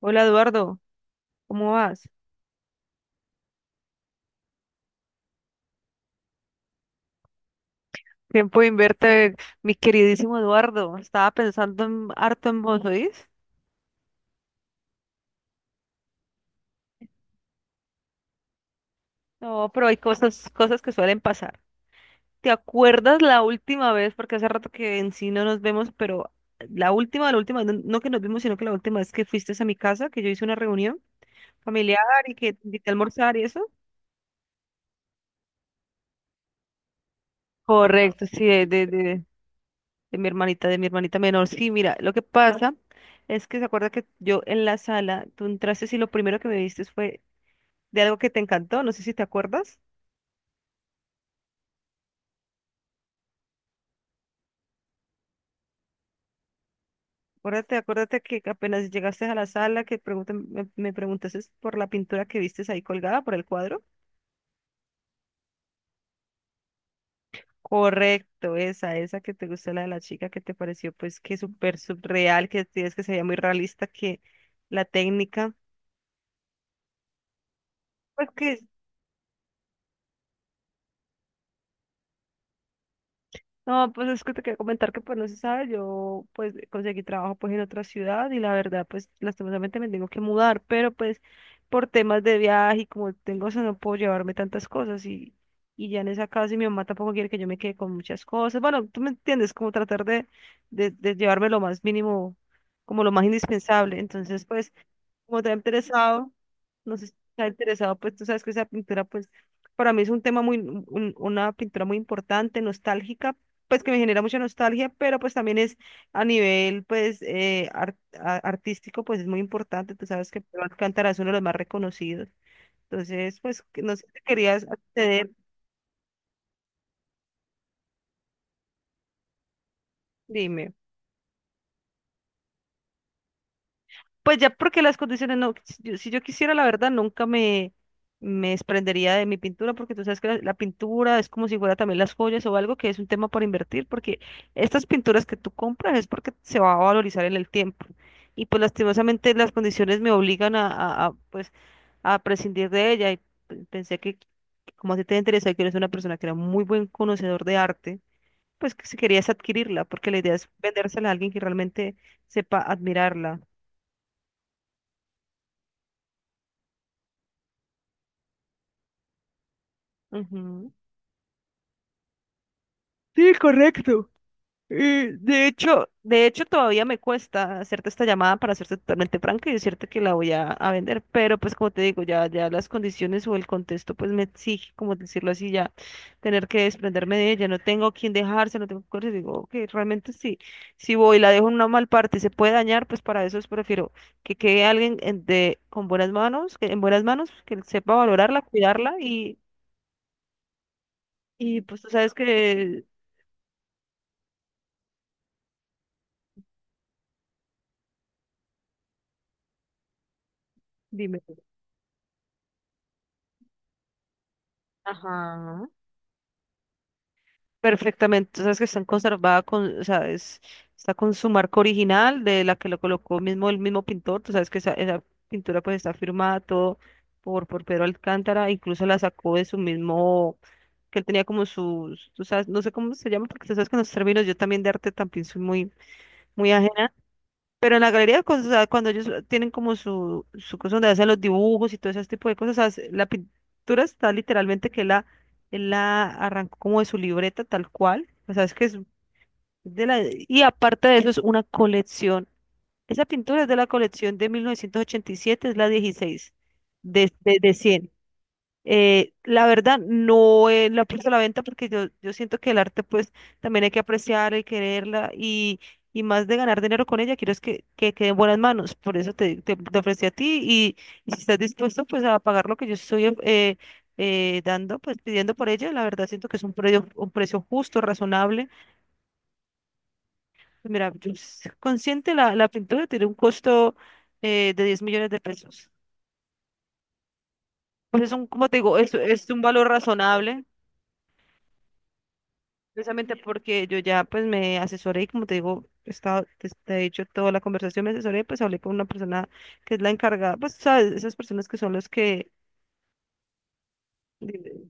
Hola Eduardo, ¿cómo vas? Tiempo de verte, mi queridísimo Eduardo. Estaba pensando en, harto en vos, ¿oís? No, pero hay cosas que suelen pasar. ¿Te acuerdas la última vez? Porque hace rato que en sí no nos vemos, pero la última, no que nos vimos, sino que la última vez que fuiste a mi casa, que yo hice una reunión familiar y que te invité a almorzar y eso. Correcto, sí, de mi hermanita, de mi hermanita menor. Sí, mira, lo que pasa es que se acuerda que yo en la sala, tú entraste y lo primero que me diste fue de algo que te encantó, no sé si te acuerdas. Acuérdate, acuérdate que apenas llegaste a la sala, que preguntan- me preguntaste por la pintura que vistes ahí colgada, por el cuadro. Correcto, esa que te gustó, la de la chica que te pareció pues que súper surreal, que decías que se veía muy realista, que la técnica, pues que no, pues es que te quería comentar que pues no se sabe, yo pues conseguí trabajo pues en otra ciudad y la verdad pues lastimosamente me tengo que mudar, pero pues por temas de viaje y como tengo eso no puedo llevarme tantas cosas y ya en esa casa y mi mamá tampoco quiere que yo me quede con muchas cosas, bueno, tú me entiendes, como tratar de, de llevarme lo más mínimo, como lo más indispensable, entonces pues como te ha interesado, no sé si te ha interesado, pues tú sabes que esa pintura, pues para mí es un tema muy, una pintura muy importante, nostálgica, pues que me genera mucha nostalgia, pero pues también es a nivel, pues, artístico, pues es muy importante, tú sabes que Pedro Alcántara es uno de los más reconocidos, entonces, pues, que no sé si querías acceder, dime. Pues ya porque las condiciones no, si yo, si yo quisiera, la verdad, nunca me, me desprendería de mi pintura, porque tú sabes que la pintura es como si fuera también las joyas o algo que es un tema para invertir, porque estas pinturas que tú compras es porque se va a valorizar en el tiempo. Y pues lastimosamente las condiciones me obligan a, pues, a prescindir de ella. Y pensé que, como a ti te interesa, que eres una persona que era muy buen conocedor de arte, pues que si querías adquirirla, porque la idea es vendérsela a alguien que realmente sepa admirarla. Ujú. Sí, correcto. De hecho todavía me cuesta hacerte esta llamada para hacerte totalmente franca y decirte que la voy a vender, pero pues como te digo, ya, ya las condiciones o el contexto pues me exige, como decirlo así, ya tener que desprenderme de ella, no tengo quien dejarse, no tengo cosas, digo que realmente sí, si voy y la dejo en una mal parte y se puede dañar, pues para eso es prefiero que quede alguien con buenas manos, que, en buenas manos, que sepa valorarla, cuidarla y pues tú sabes que, dime. Ajá, perfectamente, o sea, es que están conservadas con, o sea, está con su marca original de la que lo colocó mismo el mismo pintor, tú sabes que esa pintura pues está firmada todo por Pedro Alcántara, incluso la sacó de su mismo, que él tenía como sus, tú sabes, no sé cómo se llama, porque tú sabes que en los términos yo también de arte también soy muy, muy pero en la galería, o sea, cuando ellos tienen como su cosa donde hacen los dibujos y todo ese tipo de cosas, o sea, la pintura está literalmente que él la arrancó como de su libreta tal cual. O sea, es que es de la... Y aparte de eso es una colección. Esa pintura es de la colección de 1987, es la 16, de 100 la verdad, no la puse a la venta porque yo siento que el arte, pues, también hay que apreciar y quererla y más de ganar dinero con ella, quiero es que quede en buenas manos. Por eso te, te ofrecí a ti y si estás dispuesto, pues, a pagar lo que yo estoy dando, pues, pidiendo por ella, la verdad siento que es un precio justo, razonable. Pues mira, yo consciente la, la pintura tiene un costo de 10 millones de pesos. Pues es un, como te digo, es un valor razonable. Precisamente porque yo ya pues me asesoré y como te digo, he estado, te he dicho toda la conversación, me asesoré, pues hablé con una persona que es la encargada, pues sabes, esas personas que son los que, o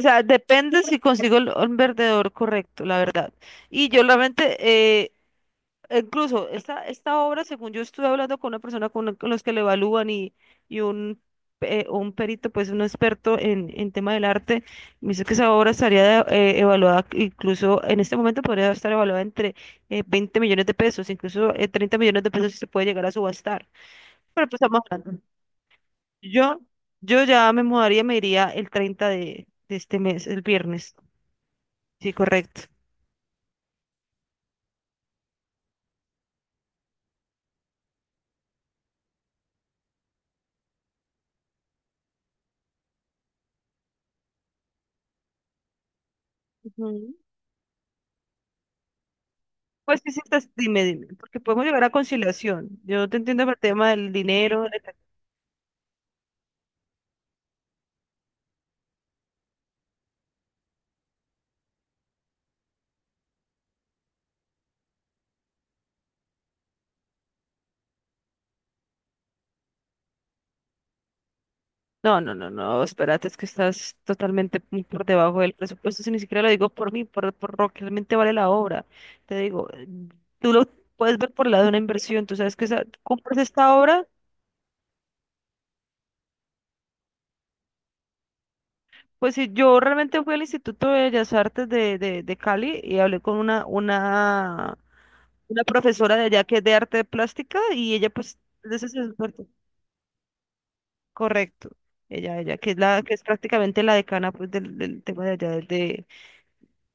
sea, depende si consigo el vendedor correcto, la verdad. Y yo realmente, incluso esta, esta obra, según yo estuve hablando con una persona con los que le evalúan y un perito, pues un experto en tema del arte, me dice que esa obra estaría evaluada, incluso en este momento podría estar evaluada entre 20 millones de pesos, incluso 30 millones de pesos si se puede llegar a subastar. Pero pues estamos hablando. Yo, yo ya me mudaría, me iría el 30 de este mes, el viernes. Sí, correcto. Ujú. Pues sí, sí, dime, dime, porque podemos llegar a conciliación. Yo te entiendo por el tema del dinero. No, no, no, no, espérate, es que estás totalmente muy por debajo del presupuesto, si ni siquiera lo digo por mí, por lo que realmente vale la obra. Te digo, tú lo puedes ver por el lado de una inversión, tú sabes que tú compras esta obra, pues si yo realmente fui al Instituto de Bellas Artes de Cali y hablé con una profesora de allá que es de arte plástica y ella pues... es de esas expertas. Correcto. Ella, que es la, que es prácticamente la decana pues del, del tema de allá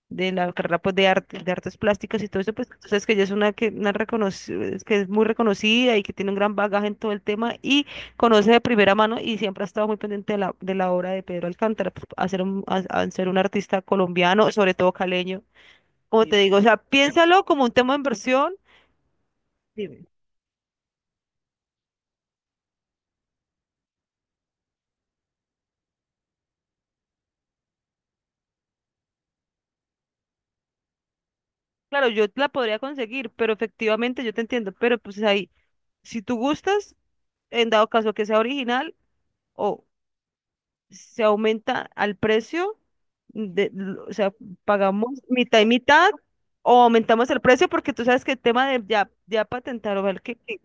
de la carrera pues de arte, de artes plásticas y todo eso, pues entonces que ella es una que una es que es muy reconocida y que tiene un gran bagaje en todo el tema y conoce de primera mano y siempre ha estado muy pendiente de la obra de Pedro Alcántara, pues, a ser un, a ser un artista colombiano, sobre todo caleño. Como te digo, o sea, piénsalo como un tema de inversión. Dime. Claro, yo la podría conseguir, pero efectivamente yo te entiendo, pero pues ahí, si tú gustas en dado caso que sea original, o se aumenta al precio, de, o sea, pagamos mitad y mitad, o aumentamos el precio, porque tú sabes que el tema de ya, ya patentar o ver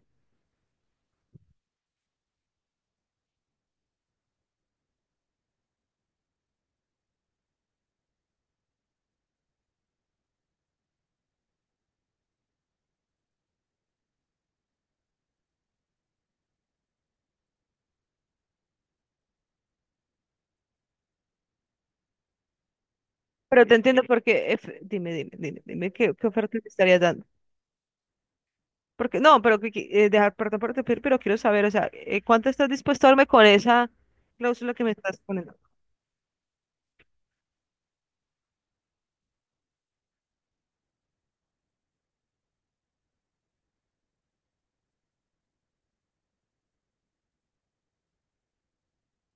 pero te entiendo porque, dime, dime qué, qué oferta te estarías dando. Porque, no, pero que, dejar, perdón por interrumpir, pero quiero saber, o sea, ¿cuánto estás dispuesto a darme con esa cláusula que me estás poniendo?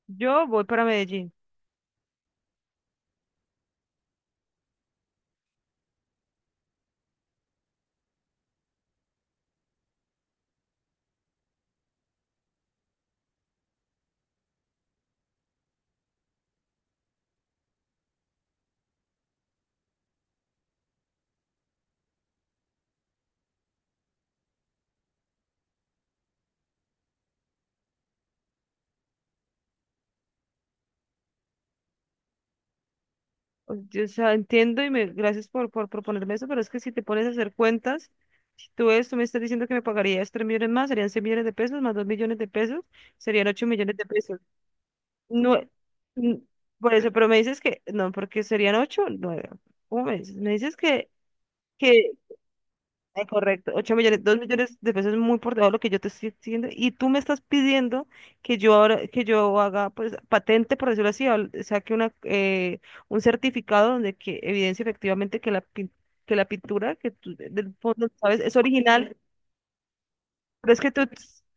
Yo voy para Medellín. O sea, entiendo y me, gracias por proponerme eso, pero es que si te pones a hacer cuentas, si tú ves, tú me estás diciendo que me pagarías 3 millones más, serían 6 millones de pesos, más 2 millones de pesos, serían 8 millones de pesos. No, mm, por eso, pero me dices que, no, porque serían 8 9 ¿Cómo me dices? Me dices que correcto, 8 millones, 2 millones de pesos es muy por debajo de lo que yo te estoy diciendo y tú me estás pidiendo que yo ahora, que yo haga pues patente, por decirlo así, saque una, un certificado donde que evidencie efectivamente que la, que la pintura que tú del fondo, ¿sabes? Es original, pero es que tú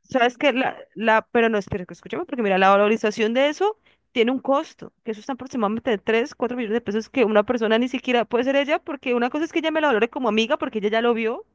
sabes que la, pero no, espera, que escúchame, porque mira, la valorización de eso tiene un costo, que eso está aproximadamente de 3 4 millones de pesos que una persona ni siquiera puede ser ella, porque una cosa es que ella me la valore como amiga, porque ella ya lo vio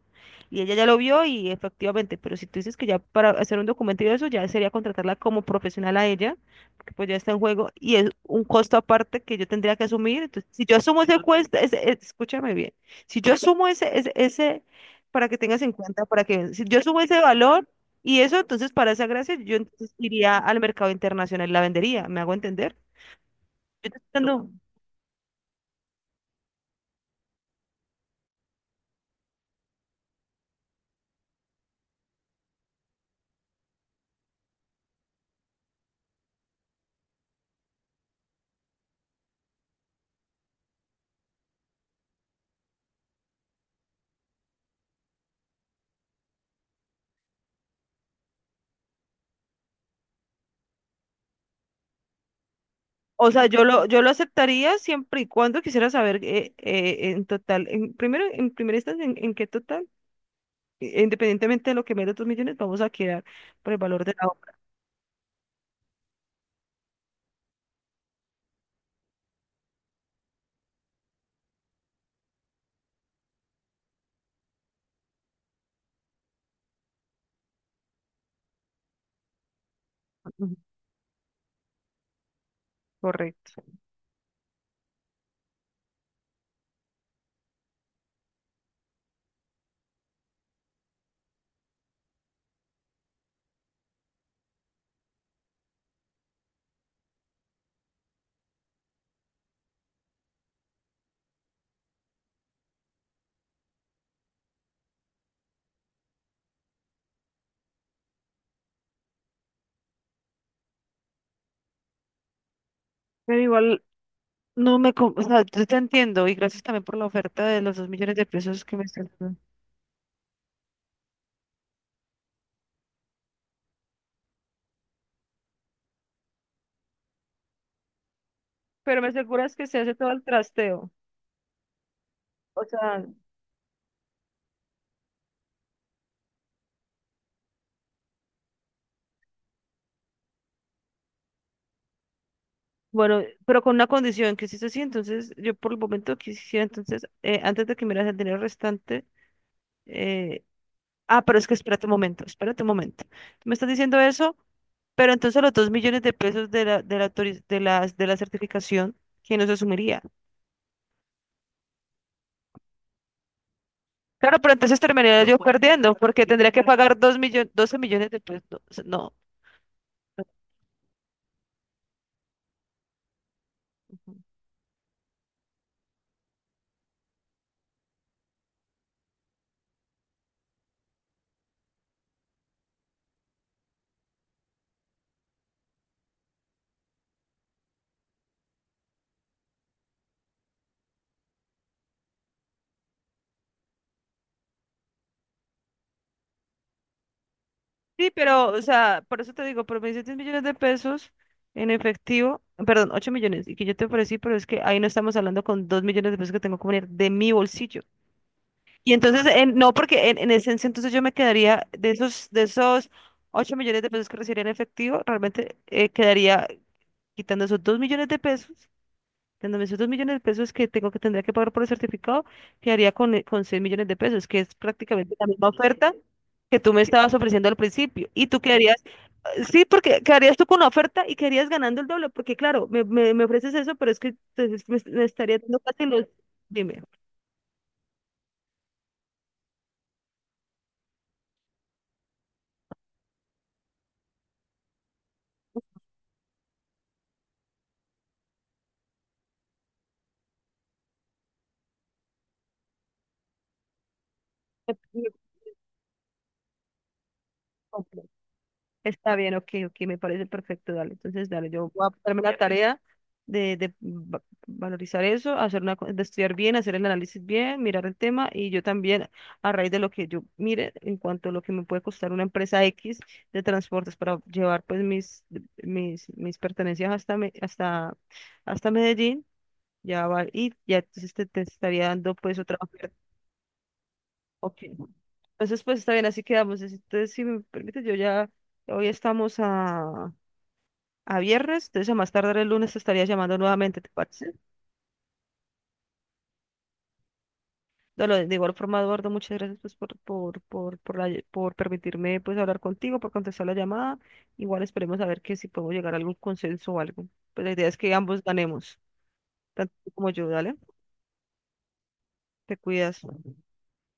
y ella ya lo vio y efectivamente, pero si tú dices que ya para hacer un documento y eso, ya sería contratarla como profesional a ella, porque pues ya está en juego y es un costo aparte que yo tendría que asumir. Entonces, si yo asumo ese cuesta, escúchame bien, si yo asumo ese, para que tengas en cuenta, para que, si yo asumo ese valor y eso, entonces para esa gracia yo entonces iría al mercado internacional y la vendería, ¿me hago entender? Yo te estoy dando... O sea, yo lo aceptaría siempre y cuando quisiera saber en total, en, primero, en primera instancia, en qué total, independientemente de lo que me dé los dos millones, vamos a quedar por el valor de la obra. Ujú, correcto. Pero igual no me, o sea, yo te entiendo y gracias también por la oferta de los dos millones de pesos que me estás dando. Pero me aseguras que se hace todo el trasteo. O sea, bueno, pero con una condición que si es así, entonces yo por el momento quisiera entonces, antes de que me das el dinero restante, ah, pero es que espérate un momento. Tú me estás diciendo eso, pero entonces los dos millones de pesos de la, de la, de la certificación, ¿quién los asumiría? Claro, pero entonces terminaría yo perdiendo, porque tendría que pagar dos millones, 12 millones de pesos. No, o sea, no. Sí, pero, o sea, por eso te digo, pero me dices 10 millones de pesos en efectivo, perdón, 8 millones, y que yo te ofrecí, pero es que ahí no estamos hablando con 2 millones de pesos que tengo que poner de mi bolsillo. Y entonces, no, porque en esencia, entonces yo me quedaría de esos 8 millones de pesos que recibiría en efectivo, realmente quedaría quitando esos 2 millones de pesos, quitándome esos 2 millones de pesos que tengo que tendría que pagar por el certificado, quedaría con 6 millones de pesos, que es prácticamente la misma oferta que tú me estabas ofreciendo al principio. Y tú quedarías, sí, porque quedarías tú con una oferta y quedarías ganando el doble, porque claro, me ofreces eso, pero es que entonces me estaría dando casi los, dime, me- me- Está bien, ok, ok, me parece perfecto, dale. Entonces, dale, yo voy a ponerme la pues tarea de, valorizar eso, hacer una, de estudiar bien, hacer el análisis bien, mirar el tema y yo también, a raíz de lo que yo mire, en cuanto a lo que me puede costar una empresa X de transportes para llevar pues mis, mis pertenencias hasta, hasta Medellín, ya va, y ya entonces te estaría dando pues otra oferta. Ok. Entonces, pues está bien, así quedamos. Entonces, si me permite, yo ya, hoy estamos a viernes, entonces a más tardar el lunes te estaría llamando nuevamente, ¿te parece? De, de igual forma, Eduardo, muchas gracias pues, por, por permitirme pues hablar contigo, por contestar la llamada. Igual esperemos a ver que si podemos llegar a algún consenso o algo. Pues la idea es que ambos ganemos, tanto tú como yo, dale, te cuidas.